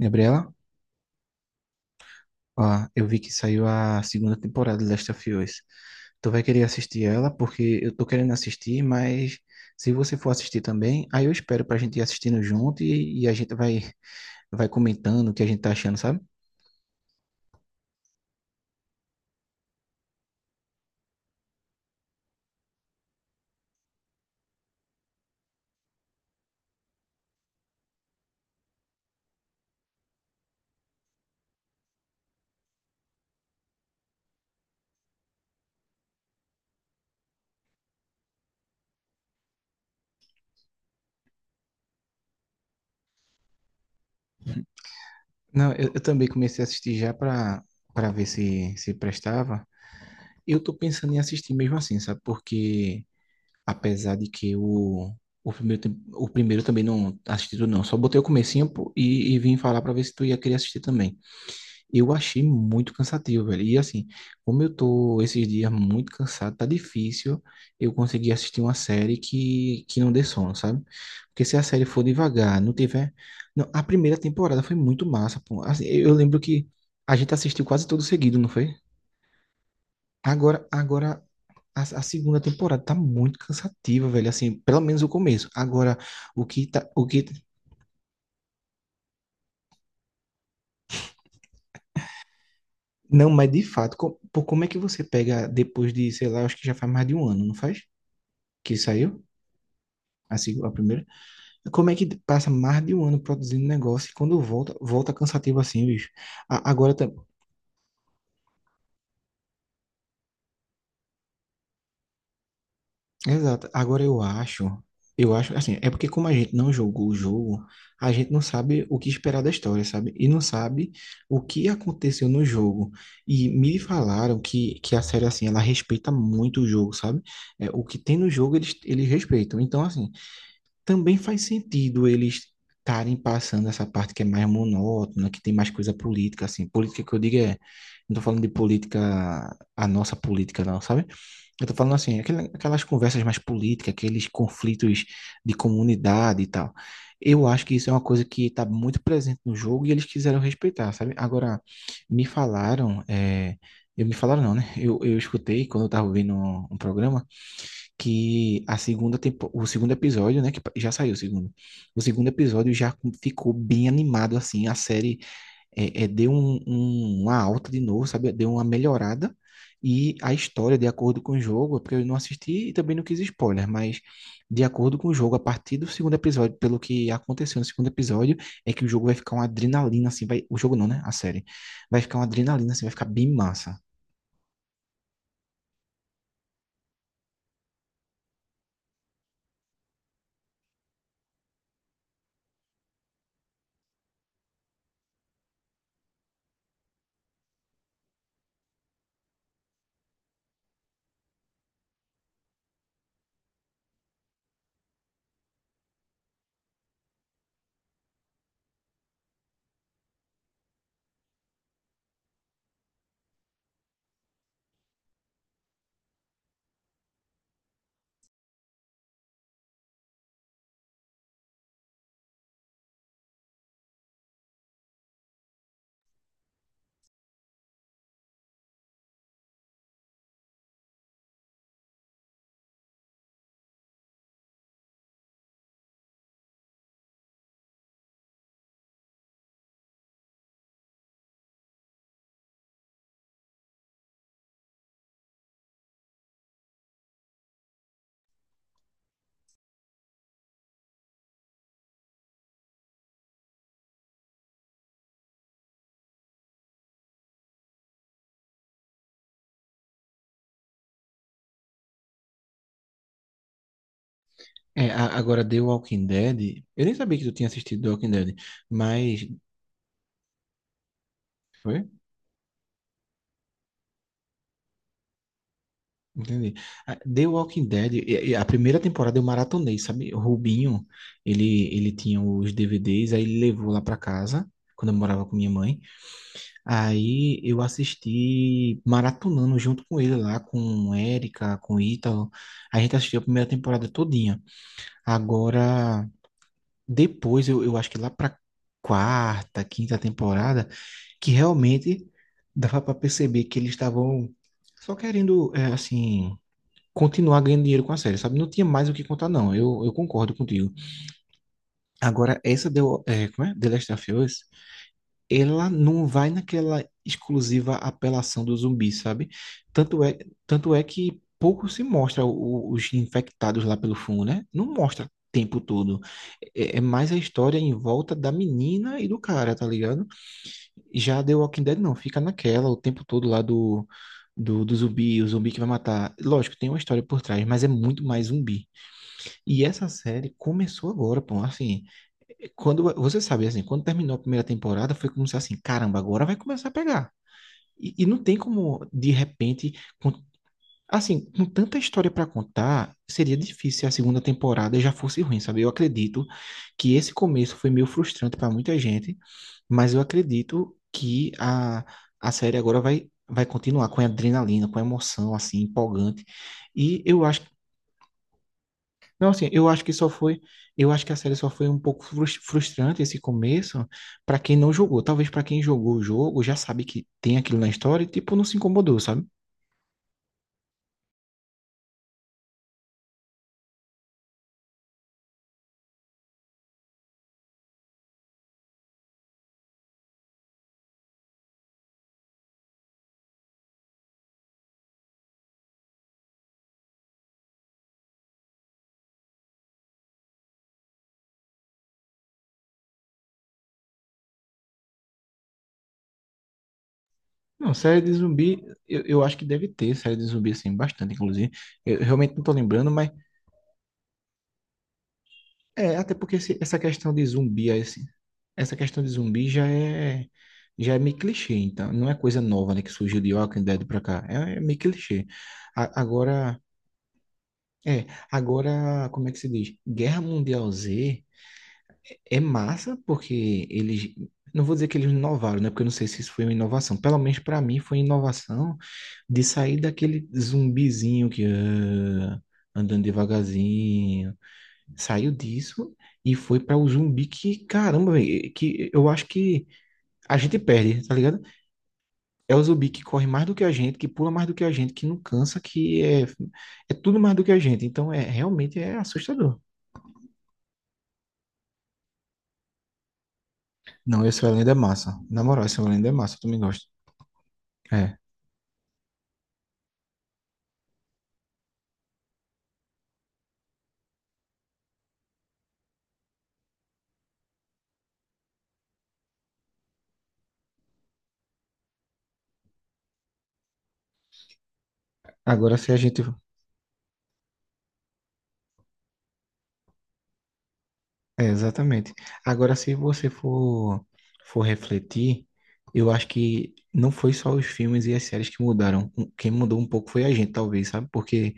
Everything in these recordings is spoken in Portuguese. Gabriela, ó, eu vi que saiu a segunda temporada de Last of Us. Tu vai querer assistir ela, porque eu tô querendo assistir, mas se você for assistir também, aí eu espero pra gente ir assistindo junto e a gente vai comentando o que a gente tá achando, sabe? Não, eu também comecei a assistir já pra ver se prestava. Eu tô pensando em assistir mesmo assim, sabe? Porque apesar de que o primeiro, o primeiro também não assisti tudo, não. Só botei o comecinho pô, e vim falar pra ver se tu ia querer assistir também. Eu achei muito cansativo, velho. E assim, como eu tô esses dias muito cansado, tá difícil eu conseguir assistir uma série que não dê sono, sabe? Porque se a série for devagar, não tiver. Não, a primeira temporada foi muito massa, pô. Assim, eu lembro que a gente assistiu quase todo seguido, não foi? Agora a segunda temporada tá muito cansativa, velho. Assim, pelo menos o começo. Agora, o que tá, o que não, mas de fato, pô, como é que você pega depois de, sei lá, acho que já faz mais de um ano, não faz? Que saiu a, a primeira. Como é que passa mais de um ano produzindo negócio e quando volta, volta cansativo assim, bicho? A- agora, tam- Exato. Eu acho assim, é porque como a gente não jogou o jogo, a gente não sabe o que esperar da história, sabe? E não sabe o que aconteceu no jogo. E me falaram que a série, assim, ela respeita muito o jogo, sabe? É, o que tem no jogo, eles respeitam. Então, assim, também faz sentido eles estarem passando essa parte que é mais monótona, que tem mais coisa política, assim. Política que eu digo é, não tô falando de política, a nossa política, não, sabe? Eu tô falando assim, aquelas conversas mais políticas, aqueles conflitos de comunidade e tal. Eu acho que isso é uma coisa que está muito presente no jogo e eles quiseram respeitar, sabe? Agora, me falaram, é, eu me falaram não, né? Eu escutei quando eu tava ouvindo um programa que a segunda tempo, o segundo episódio, né? Que já saiu o segundo. O segundo episódio já ficou bem animado, assim, a série deu uma alta de novo, sabe? Deu uma melhorada. E a história, de acordo com o jogo, é porque eu não assisti e também não quis spoiler, mas de acordo com o jogo, a partir do segundo episódio, pelo que aconteceu no segundo episódio, é que o jogo vai ficar uma adrenalina, assim, vai, o jogo não, né? A série. Vai ficar uma adrenalina, assim, vai ficar bem massa. É, agora The Walking Dead, eu nem sabia que tu tinha assistido The Walking Dead, mas... Foi? Entendi. Ah, The Walking Dead, e a primeira temporada eu maratonei, sabe? O Rubinho, ele tinha os DVDs, aí ele levou lá pra casa, quando eu morava com minha mãe. Aí eu assisti maratonando junto com ele lá, com Érica, com Ítalo. A gente assistiu a primeira temporada todinha. Agora, depois, eu acho que lá pra quarta, quinta temporada, que realmente dava pra perceber que eles estavam só querendo, é, assim continuar ganhando dinheiro com a série, sabe? Não tinha mais o que contar, não. Eu concordo contigo. Agora, essa deu, é, como é? The Last of Us, ela não vai naquela exclusiva apelação do zumbi, sabe? Tanto é, tanto é que pouco se mostra os infectados lá pelo fungo, né? Não mostra o tempo todo. É, é mais a história em volta da menina e do cara, tá ligado? Já The Walking Dead não, fica naquela o tempo todo lá do, do zumbi, o zumbi que vai matar. Lógico, tem uma história por trás, mas é muito mais zumbi. E essa série começou agora, pô. Assim, quando você sabe, assim, quando terminou a primeira temporada, foi como se assim, caramba, agora vai começar a pegar. E não tem como, de repente, com- assim, com tanta história para contar, seria difícil se a segunda temporada já fosse ruim, sabe? Eu acredito que esse começo foi meio frustrante para muita gente, mas eu acredito que a série agora vai continuar com adrenalina, com emoção, assim, empolgante. E eu acho não, assim, eu acho que só foi, eu acho que a série só foi um pouco frustrante esse começo pra quem não jogou. Talvez pra quem jogou o jogo já sabe que tem aquilo na história e tipo não se incomodou, sabe? Não, série de zumbi, eu acho que deve ter série de zumbi assim bastante, inclusive. Eu realmente não tô lembrando, mas é até porque essa questão de zumbi aí, assim, essa questão de zumbi já é meio clichê, então não é coisa nova, né, que surgiu de Walking Dead pra cá. É, é meio clichê. A- agora É, agora, como é que se diz? Guerra Mundial Z é massa porque eles, não vou dizer que eles inovaram, né? Porque eu não sei se isso foi uma inovação. Pelo menos para mim foi inovação de sair daquele zumbizinho que ah, andando devagarzinho. Saiu disso e foi para o zumbi que, caramba, véi, que eu acho que a gente perde, tá ligado? É o zumbi que corre mais do que a gente, que pula mais do que a gente, que não cansa, é tudo mais do que a gente. Então, é realmente é assustador. Não, esse Belém é massa. Na moral, esse Belém é massa, eu também gosto. É. Agora se a gente. É, exatamente. Agora se você for, for refletir, eu acho que não foi só os filmes e as séries que mudaram. Quem mudou um pouco foi a gente, talvez, sabe? Porque,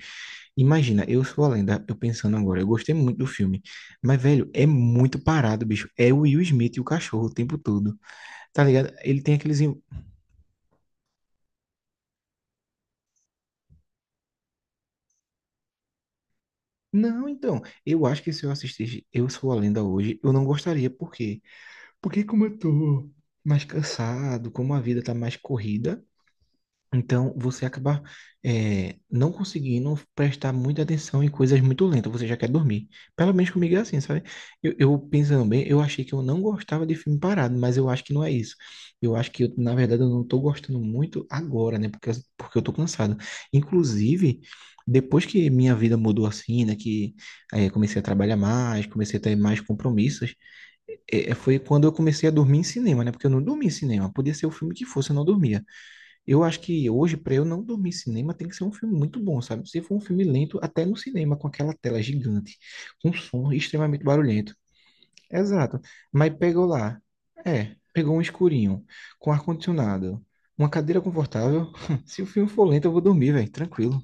imagina, eu sou a lenda, eu pensando agora, eu gostei muito do filme. Mas, velho, é muito parado, bicho. É o Will Smith e o cachorro o tempo todo. Tá ligado? Ele tem aqueles. Não, então, eu acho que se eu assistisse Eu Sou a Lenda hoje, eu não gostaria, porque como eu tô mais cansado, como a vida tá mais corrida, então você acaba não conseguindo prestar muita atenção em coisas muito lentas, você já quer dormir. Pelo menos comigo é assim, sabe? Eu pensando bem, eu achei que eu não gostava de filme parado, mas eu acho que não é isso. Eu acho que, eu, na verdade, eu não tô gostando muito agora, né? Porque eu tô cansado. Inclusive, depois que minha vida mudou assim, né? Que comecei a trabalhar mais, comecei a ter mais compromissos, foi quando eu comecei a dormir em cinema, né? Porque eu não dormia em cinema. Podia ser o filme que fosse, eu não dormia. Eu acho que hoje, para eu não dormir em cinema, tem que ser um filme muito bom, sabe? Se for um filme lento, até no cinema, com aquela tela gigante, com um som extremamente barulhento. Exato. Mas pegou lá. É, pegou um escurinho, com ar-condicionado, uma cadeira confortável. Se o filme for lento, eu vou dormir, velho, tranquilo.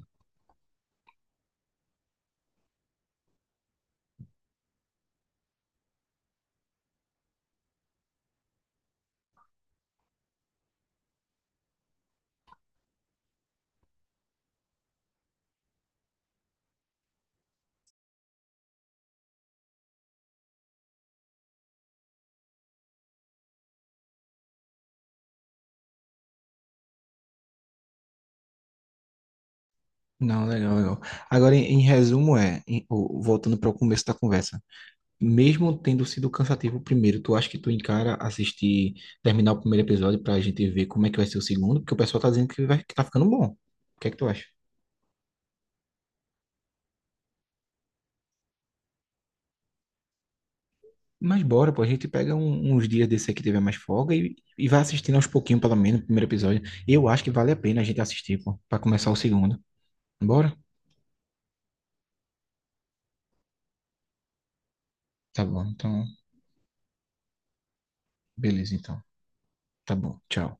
Não, legal, legal. Agora, em, em resumo, é, em- o- voltando para o começo da conversa. Mesmo tendo sido cansativo o primeiro, tu acha que tu encara assistir, terminar o primeiro episódio pra gente ver como é que vai ser o segundo? Porque o pessoal tá dizendo que, vai, que tá ficando bom. O que é que tu acha? Mas bora, pô, a gente pega uns dias desse aí que tiver mais folga e vai assistindo aos pouquinhos, pelo menos, o primeiro episódio. Eu acho que vale a pena a gente assistir, pô, pra começar o segundo. Bora? Tá bom, então, beleza, então. Tá bom, tchau.